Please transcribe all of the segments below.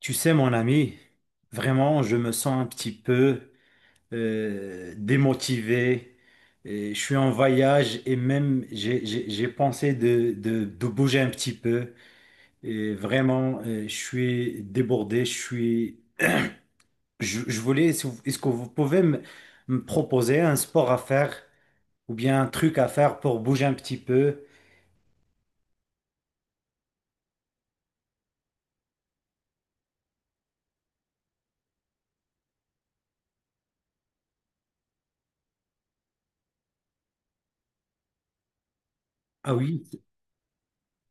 Tu sais, mon ami, vraiment, je me sens un petit peu démotivé. Et je suis en voyage et même j'ai pensé de bouger un petit peu. Et vraiment, je suis débordé. Je suis. Je voulais. Est-ce que vous pouvez me proposer un sport à faire ou bien un truc à faire pour bouger un petit peu? Ah oui,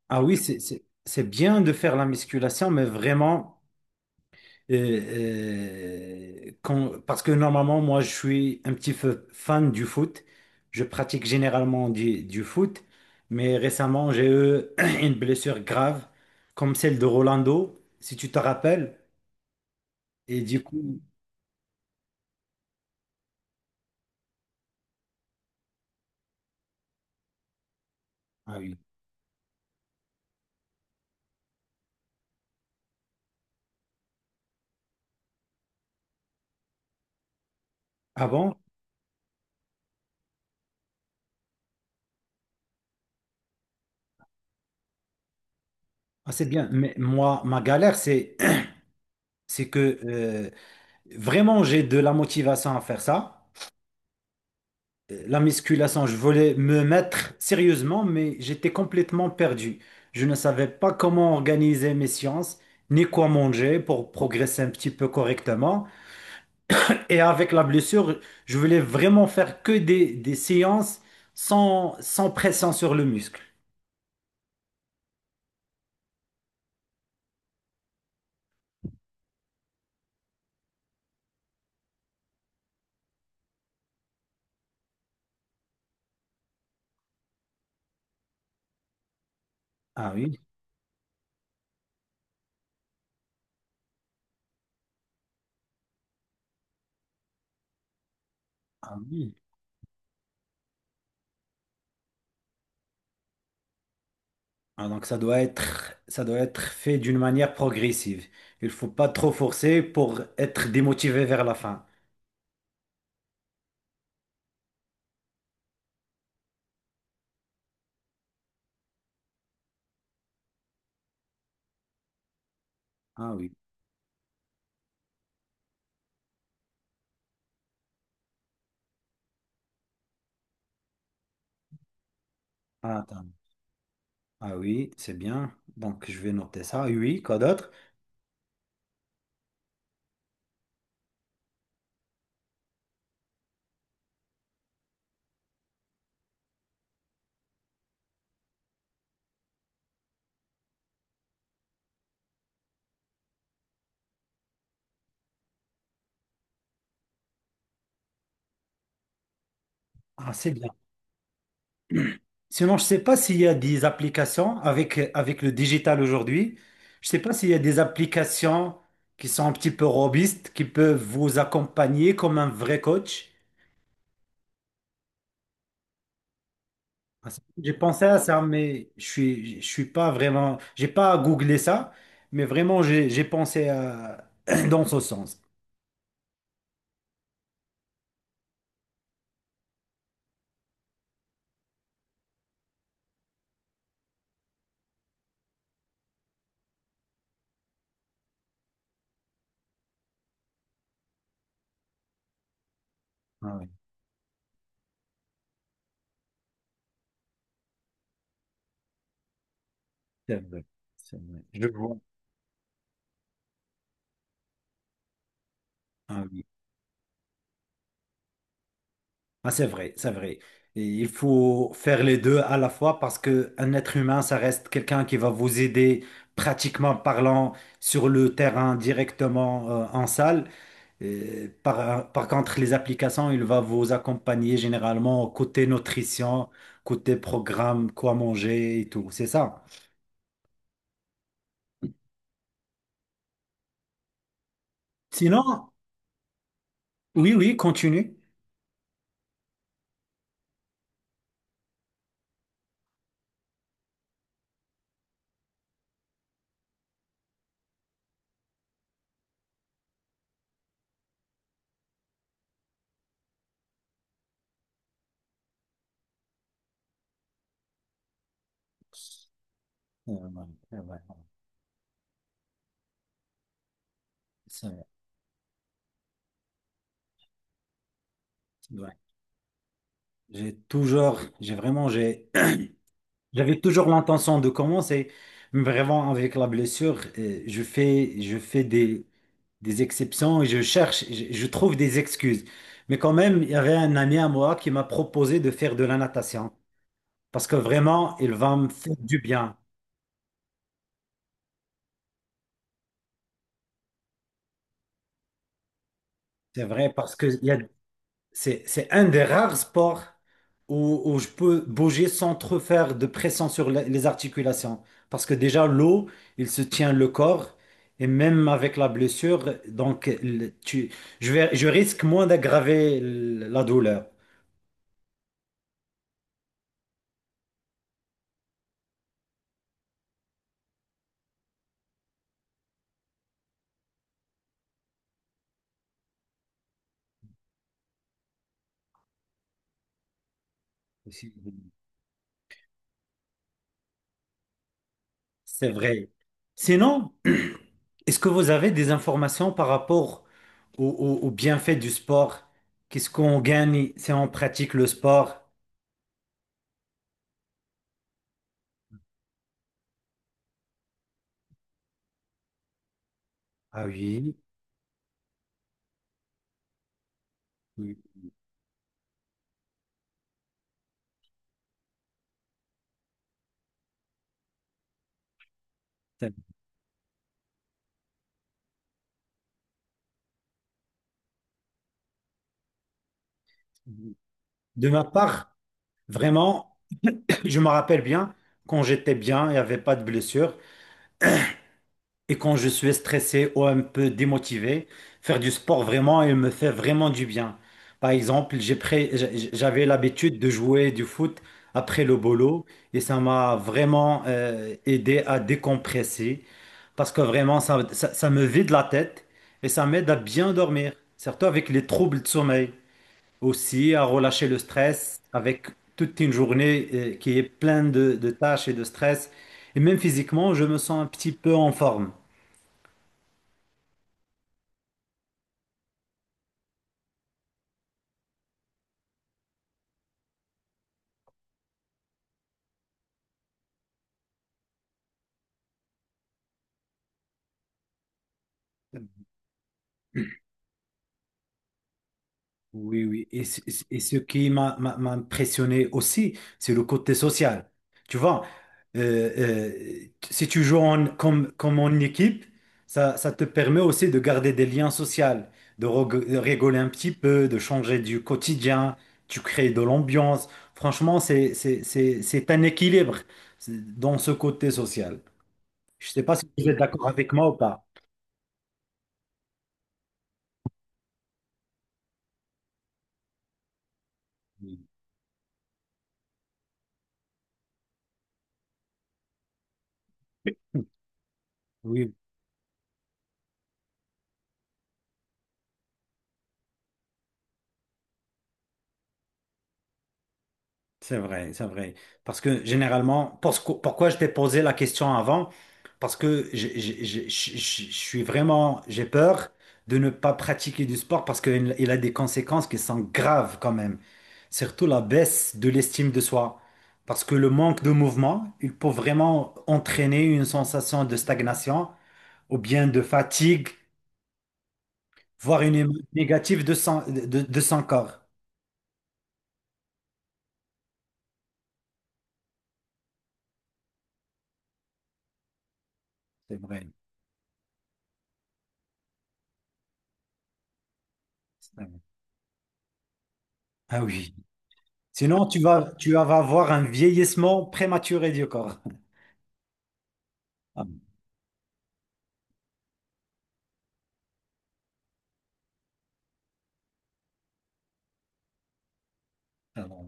ah oui, c'est bien de faire la musculation, mais vraiment. Parce que normalement, moi, je suis un petit peu fan du foot. Je pratique généralement du foot, mais récemment, j'ai eu une blessure grave, comme celle de Rolando, si tu te rappelles. Et du coup, ah oui. Ah bon? Ah, c'est bien. Mais moi, ma galère, c'est, c'est que vraiment, j'ai de la motivation à faire ça. La musculation, je voulais me mettre sérieusement, mais j'étais complètement perdu. Je ne savais pas comment organiser mes séances, ni quoi manger pour progresser un petit peu correctement. Et avec la blessure, je voulais vraiment faire que des séances sans pression sur le muscle. Ah oui, ah oui. Ah, donc ça doit être fait d'une manière progressive. Il faut pas trop forcer pour être démotivé vers la fin. Ah oui. Ah, attends. Ah oui, c'est bien. Donc, je vais noter ça. Oui, quoi d'autre? Ah, c'est bien. Sinon, je ne sais pas s'il y a des applications avec le digital aujourd'hui. Je ne sais pas s'il y a des applications qui sont un petit peu robustes, qui peuvent vous accompagner comme un vrai coach. Ah, c'est- j'ai pensé à ça, mais je suis pas vraiment, j'ai pas googlé ça, mais vraiment, j'ai pensé à- dans ce sens. Ah oui, c'est vrai, c'est vrai. Je vois. Ah oui. Ah, c'est vrai, c'est vrai. Et il faut faire les deux à la fois parce que un être humain, ça reste quelqu'un qui va vous aider pratiquement parlant sur le terrain directement en salle. Et par contre, les applications, il va vous accompagner généralement côté nutrition, côté programme, quoi manger et tout. C'est ça. Sinon, oui, oui, continue. Ouais, ouais, ouais, c'est vrai, c'est vrai. J'ai toujours, j'ai vraiment, j'ai j'avais toujours l'intention de commencer, mais vraiment avec la blessure, je fais des exceptions et je cherche, je trouve des excuses. Mais quand même, il y avait un ami à moi qui m'a proposé de faire de la natation parce que vraiment, il va me faire du bien. C'est vrai, parce qu'il y a c'est un des rares sports où je peux bouger sans trop faire de pression sur la- les articulations. Parce que déjà, l'eau, il se tient le corps. Et même avec la blessure, donc le- tu, je vais, je risque moins d'aggraver l- la douleur. C'est vrai. Sinon, est-ce que vous avez des informations par rapport au, au- au bienfait du sport? Qu'est-ce qu'on gagne si on pratique le sport? Ah oui. Oui. De ma part. Vraiment, je me rappelle bien, quand j'étais bien, il n'y avait pas de blessure. Et quand je suis stressé ou un peu démotivé, faire du sport vraiment, il me fait vraiment du bien. Par exemple, j'avais l'habitude de jouer du foot après le boulot et ça m'a vraiment aidé à décompresser parce que vraiment, ça me vide la tête et ça m'aide à bien dormir, surtout avec les troubles de sommeil. Aussi à relâcher le stress avec toute une journée qui est pleine de tâches et de stress. Et même physiquement, je me sens un petit peu en forme. Oui, oui. Et ce qui m'a impressionné aussi, c'est le côté social. Tu vois, euh, si tu joues en- comme en équipe, ça te permet aussi de garder des liens sociaux, de rigoler un petit peu, de changer du quotidien, tu crées de l'ambiance. Franchement, c'est un équilibre dans ce côté social. Je ne sais pas si vous êtes d'accord avec moi ou pas. Oui, oui, c'est vrai, c'est vrai. Parce que généralement, parce que- pourquoi je t'ai posé la question avant? Parce que je suis vraiment, j'ai peur de ne pas pratiquer du sport parce qu'il il a des conséquences qui sont graves quand même. Surtout la baisse de l'estime de soi. Parce que le manque de mouvement, il peut vraiment entraîner une sensation de stagnation ou bien de fatigue, voire une émotion négative de son, de son corps. C'est vrai. C'est vrai. Ah oui. Sinon, tu vas avoir un vieillissement prématuré du corps. Ah, alors,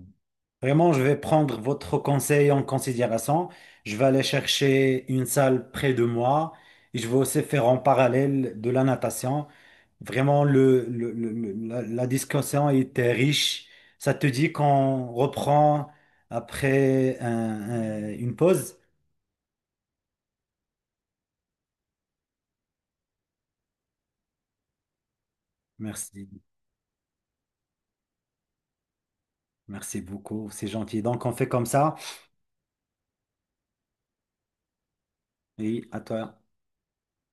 vraiment, je vais prendre votre conseil en considération. Je vais aller chercher une salle près de moi et je vais aussi faire en parallèle de la natation. Vraiment, la discussion était riche. Ça te dit qu'on reprend après un- une pause? Merci, merci beaucoup, c'est gentil. Donc, on fait comme ça et à toi.